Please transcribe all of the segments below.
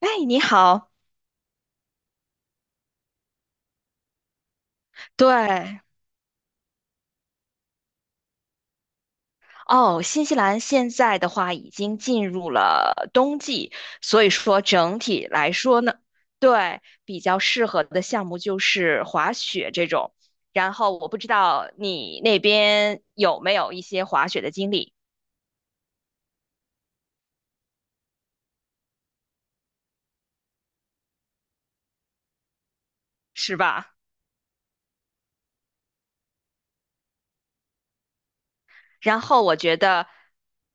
哎，你好，对，哦，新西兰现在的话已经进入了冬季，所以说整体来说呢，对，比较适合的项目就是滑雪这种。然后我不知道你那边有没有一些滑雪的经历，是吧？然后我觉得，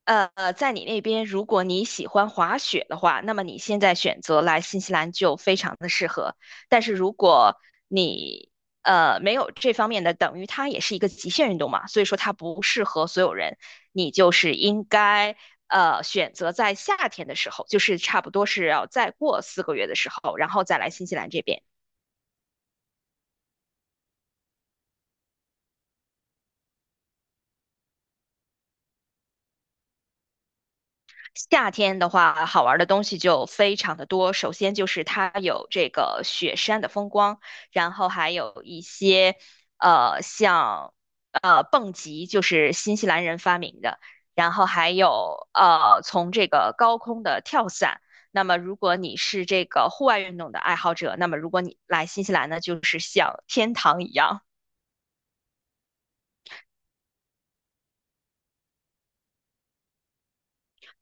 在你那边，如果你喜欢滑雪的话，那么你现在选择来新西兰就非常的适合。但是如果你没有这方面的，等于它也是一个极限运动嘛，所以说它不适合所有人。你就是应该选择在夏天的时候，就是差不多是要再过四个月的时候，然后再来新西兰这边。夏天的话，好玩的东西就非常的多。首先就是它有这个雪山的风光，然后还有一些像蹦极，就是新西兰人发明的，然后还有从这个高空的跳伞。那么如果你是这个户外运动的爱好者，那么如果你来新西兰呢，就是像天堂一样。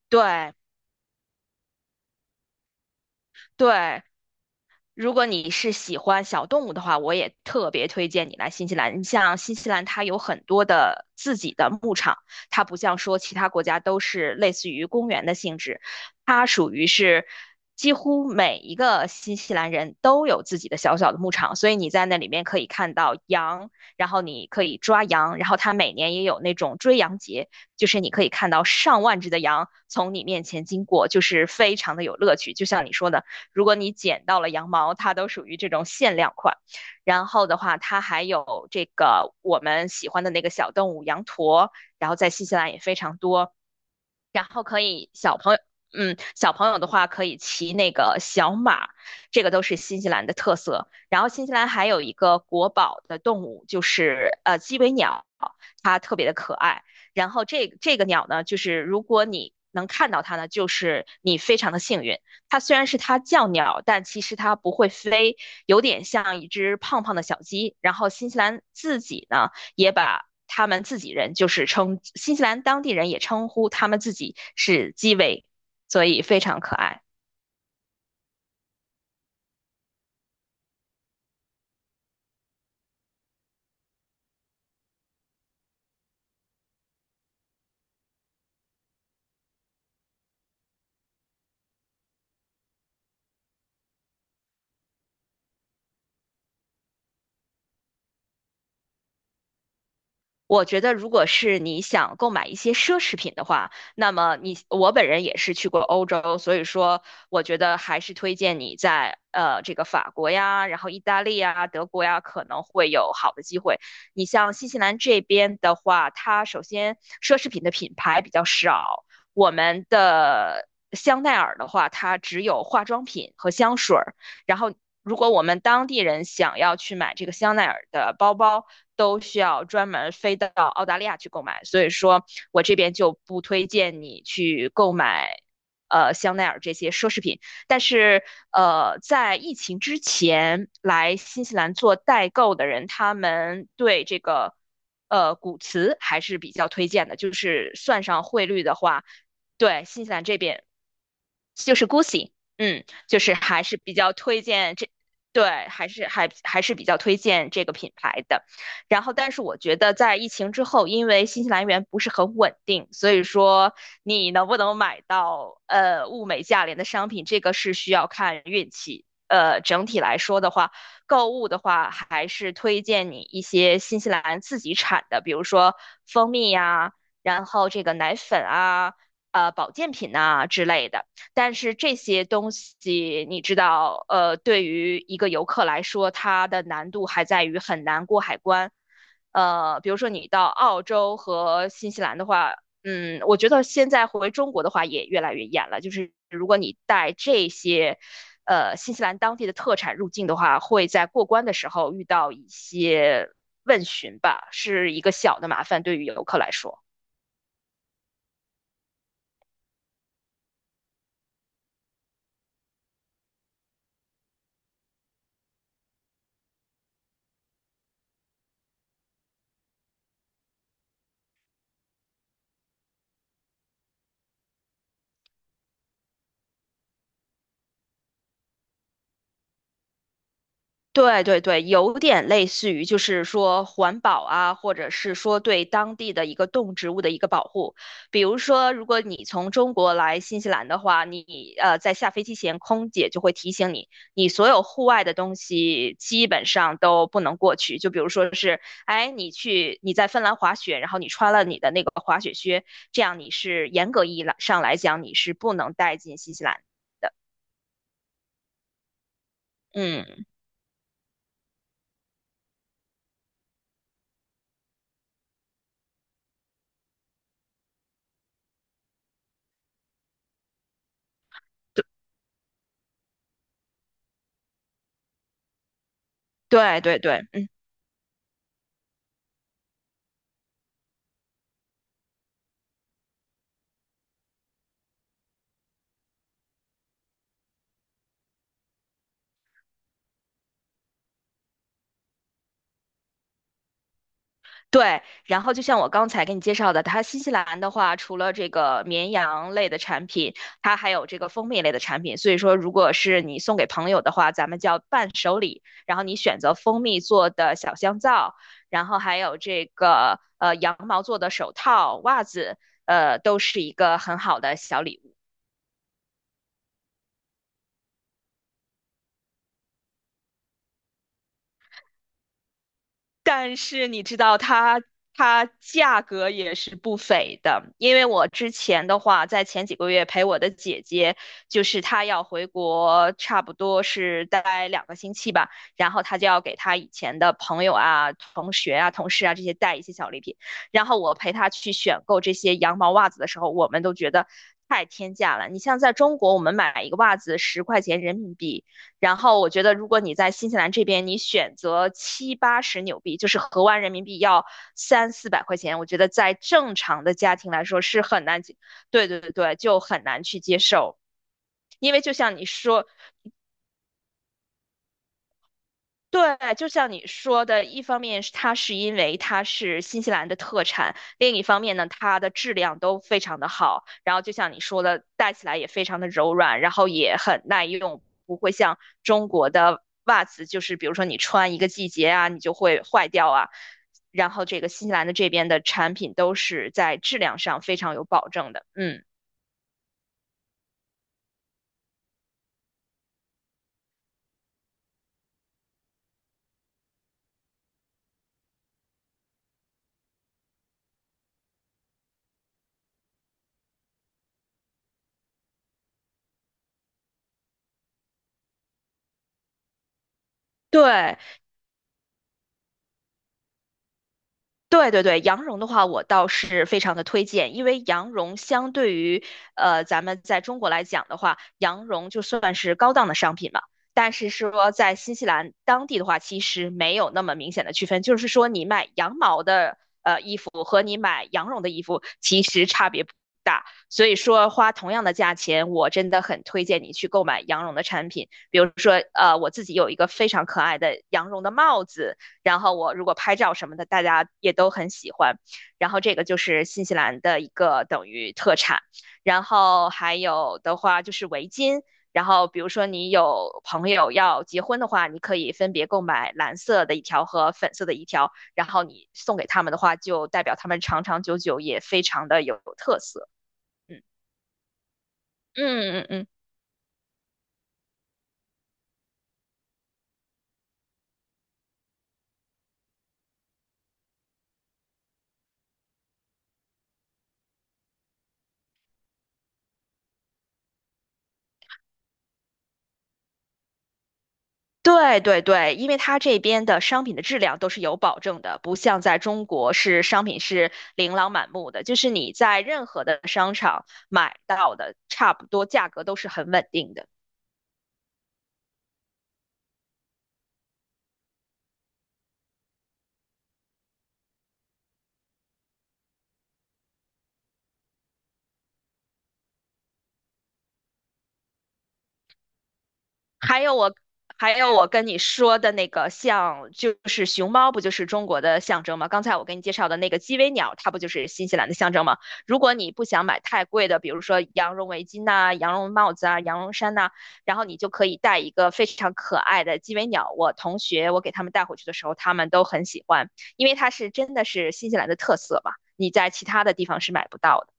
对对，如果你是喜欢小动物的话，我也特别推荐你来新西兰。你像新西兰，它有很多的自己的牧场，它不像说其他国家都是类似于公园的性质，它属于是几乎每一个新西兰人都有自己的小小的牧场，所以你在那里面可以看到羊，然后你可以抓羊，然后它每年也有那种追羊节，就是你可以看到上万只的羊从你面前经过，就是非常的有乐趣。就像你说的。如果你捡到了羊毛，它都属于这种限量款。然后的话，它还有这个我们喜欢的那个小动物羊驼，然后在新西兰也非常多。然后可以小朋友，嗯，小朋友的话可以骑那个小马，这个都是新西兰的特色。然后新西兰还有一个国宝的动物，就是鸡尾鸟，它特别的可爱。然后这个鸟呢，就是如果你能看到它呢，就是你非常的幸运。它虽然是它叫鸟，但其实它不会飞，有点像一只胖胖的小鸡。然后新西兰自己呢。也把他们自己人，就是称新西兰当地人也称呼他们自己是基围，所以非常可爱。我觉得，如果是你想购买一些奢侈品的话，那么你我本人也是去过欧洲，所以说我觉得还是推荐你在这个法国呀，然后意大利呀、德国呀，可能会有好的机会。你像新西兰这边的话，它首先奢侈品的品牌比较少，我们的香奈儿的话，它只有化妆品和香水儿。然后，如果我们当地人想要去买这个香奈儿的包包，都需要专门飞到澳大利亚去购买。所以说我这边就不推荐你去购买，香奈儿这些奢侈品。但是，在疫情之前来新西兰做代购的人，他们对这个。古瓷还是比较推荐的，就是算上汇率的话，对新西兰这边就是 Gucci，嗯，就是还是比较推荐这，对，还是比较推荐这个品牌的。然后，但是我觉得在疫情之后，因为新西兰元不是很稳定，所以说你能不能买到物美价廉的商品，这个是需要看运气。整体来说的话，购物的话还是推荐你一些新西兰自己产的，比如说蜂蜜呀，然后这个奶粉啊。保健品呐、之类的。但是这些东西你知道，对于一个游客来说，它的难度还在于很难过海关。比如说你到澳洲和新西兰的话，嗯，我觉得现在回中国的话也越来越严了。就是如果你带这些，新西兰当地的特产入境的话，会在过关的时候遇到一些问询吧，是一个小的麻烦，对于游客来说。对对对，有点类似于就是说环保啊，或者是说对当地的一个动植物的一个保护。比如说，如果你从中国来新西兰的话，你在下飞机前，空姐就会提醒你，你所有户外的东西基本上都不能过去。就比如说是，哎，你在芬兰滑雪，然后你穿了你的那个滑雪靴，这样你是严格意义上来讲你是不能带进新西兰的。嗯，对对对对。对，然后就像我刚才给你介绍的，它新西兰的话，除了这个绵羊类的产品，它还有这个蜂蜜类的产品。所以说，如果是你送给朋友的话，咱们叫伴手礼。然后你选择蜂蜜做的小香皂，然后还有这个羊毛做的手套、袜子，都是一个很好的小礼物。但是你知道它价格也是不菲的，因为我之前的话，在前几个月陪我的姐姐，就是她要回国，差不多是待两个星期吧，然后她就要给她以前的朋友啊、同学啊、同事啊这些带一些小礼品，然后我陪她去选购这些羊毛袜子的时候，我们都觉得。太天价了！你像在中国，我们买一个袜子十块钱人民币，然后我觉得，如果你在新西兰这边，你选择七八十纽币，就是合完人民币要三四百块钱，我觉得在正常的家庭来说是很难对对对对，就很难去接受。因为就像你说，对，就像你说的，一方面是它是因为它是新西兰的特产，另一方面呢，它的质量都非常的好，然后就像你说的，戴起来也非常的柔软，然后也很耐用，不会像中国的袜子，就是比如说你穿一个季节啊，你就会坏掉啊。然后这个新西兰的这边的产品都是在质量上非常有保证的，嗯，对。对对对，羊绒的话，我倒是非常的推荐，因为羊绒相对于咱们在中国来讲的话，羊绒就算是高档的商品嘛。但是说在新西兰当地的话，其实没有那么明显的区分，就是说你买羊毛的衣服和你买羊绒的衣服其实差别不大。所以说花同样的价钱，我真的很推荐你去购买羊绒的产品，比如说我自己有一个非常可爱的羊绒的帽子。然后我如果拍照什么的，大家也都很喜欢。然后这个就是新西兰的一个等于特产，然后还有的话就是围巾。然后，比如说你有朋友要结婚的话，你可以分别购买蓝色的一条和粉色的一条，然后你送给他们的话，就代表他们长长久久，也非常的有特色。嗯嗯嗯嗯。嗯对对对，因为它这边的商品的质量都是有保证的，不像在中国是商品是琳琅满目的，就是你在任何的商场买到的，差不多价格都是很稳定的。还有我，还有我跟你说的那个像，就是熊猫，不就是中国的象征吗？刚才我给你介绍的那个鸡尾鸟，它不就是新西兰的象征吗？如果你不想买太贵的，比如说羊绒围巾呐、羊绒帽子啊、羊绒衫呐、然后你就可以带一个非常可爱的鸡尾鸟。我同学，我给他们带回去的时候，他们都很喜欢，因为它是真的是新西兰的特色嘛，你在其他的地方是买不到的。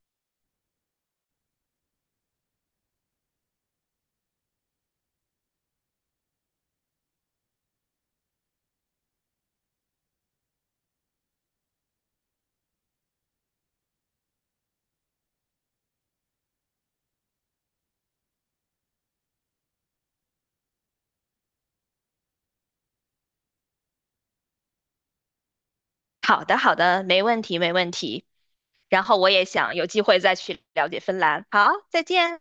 好的，好的，没问题，没问题。然后我也想有机会再去了解芬兰。好，再见。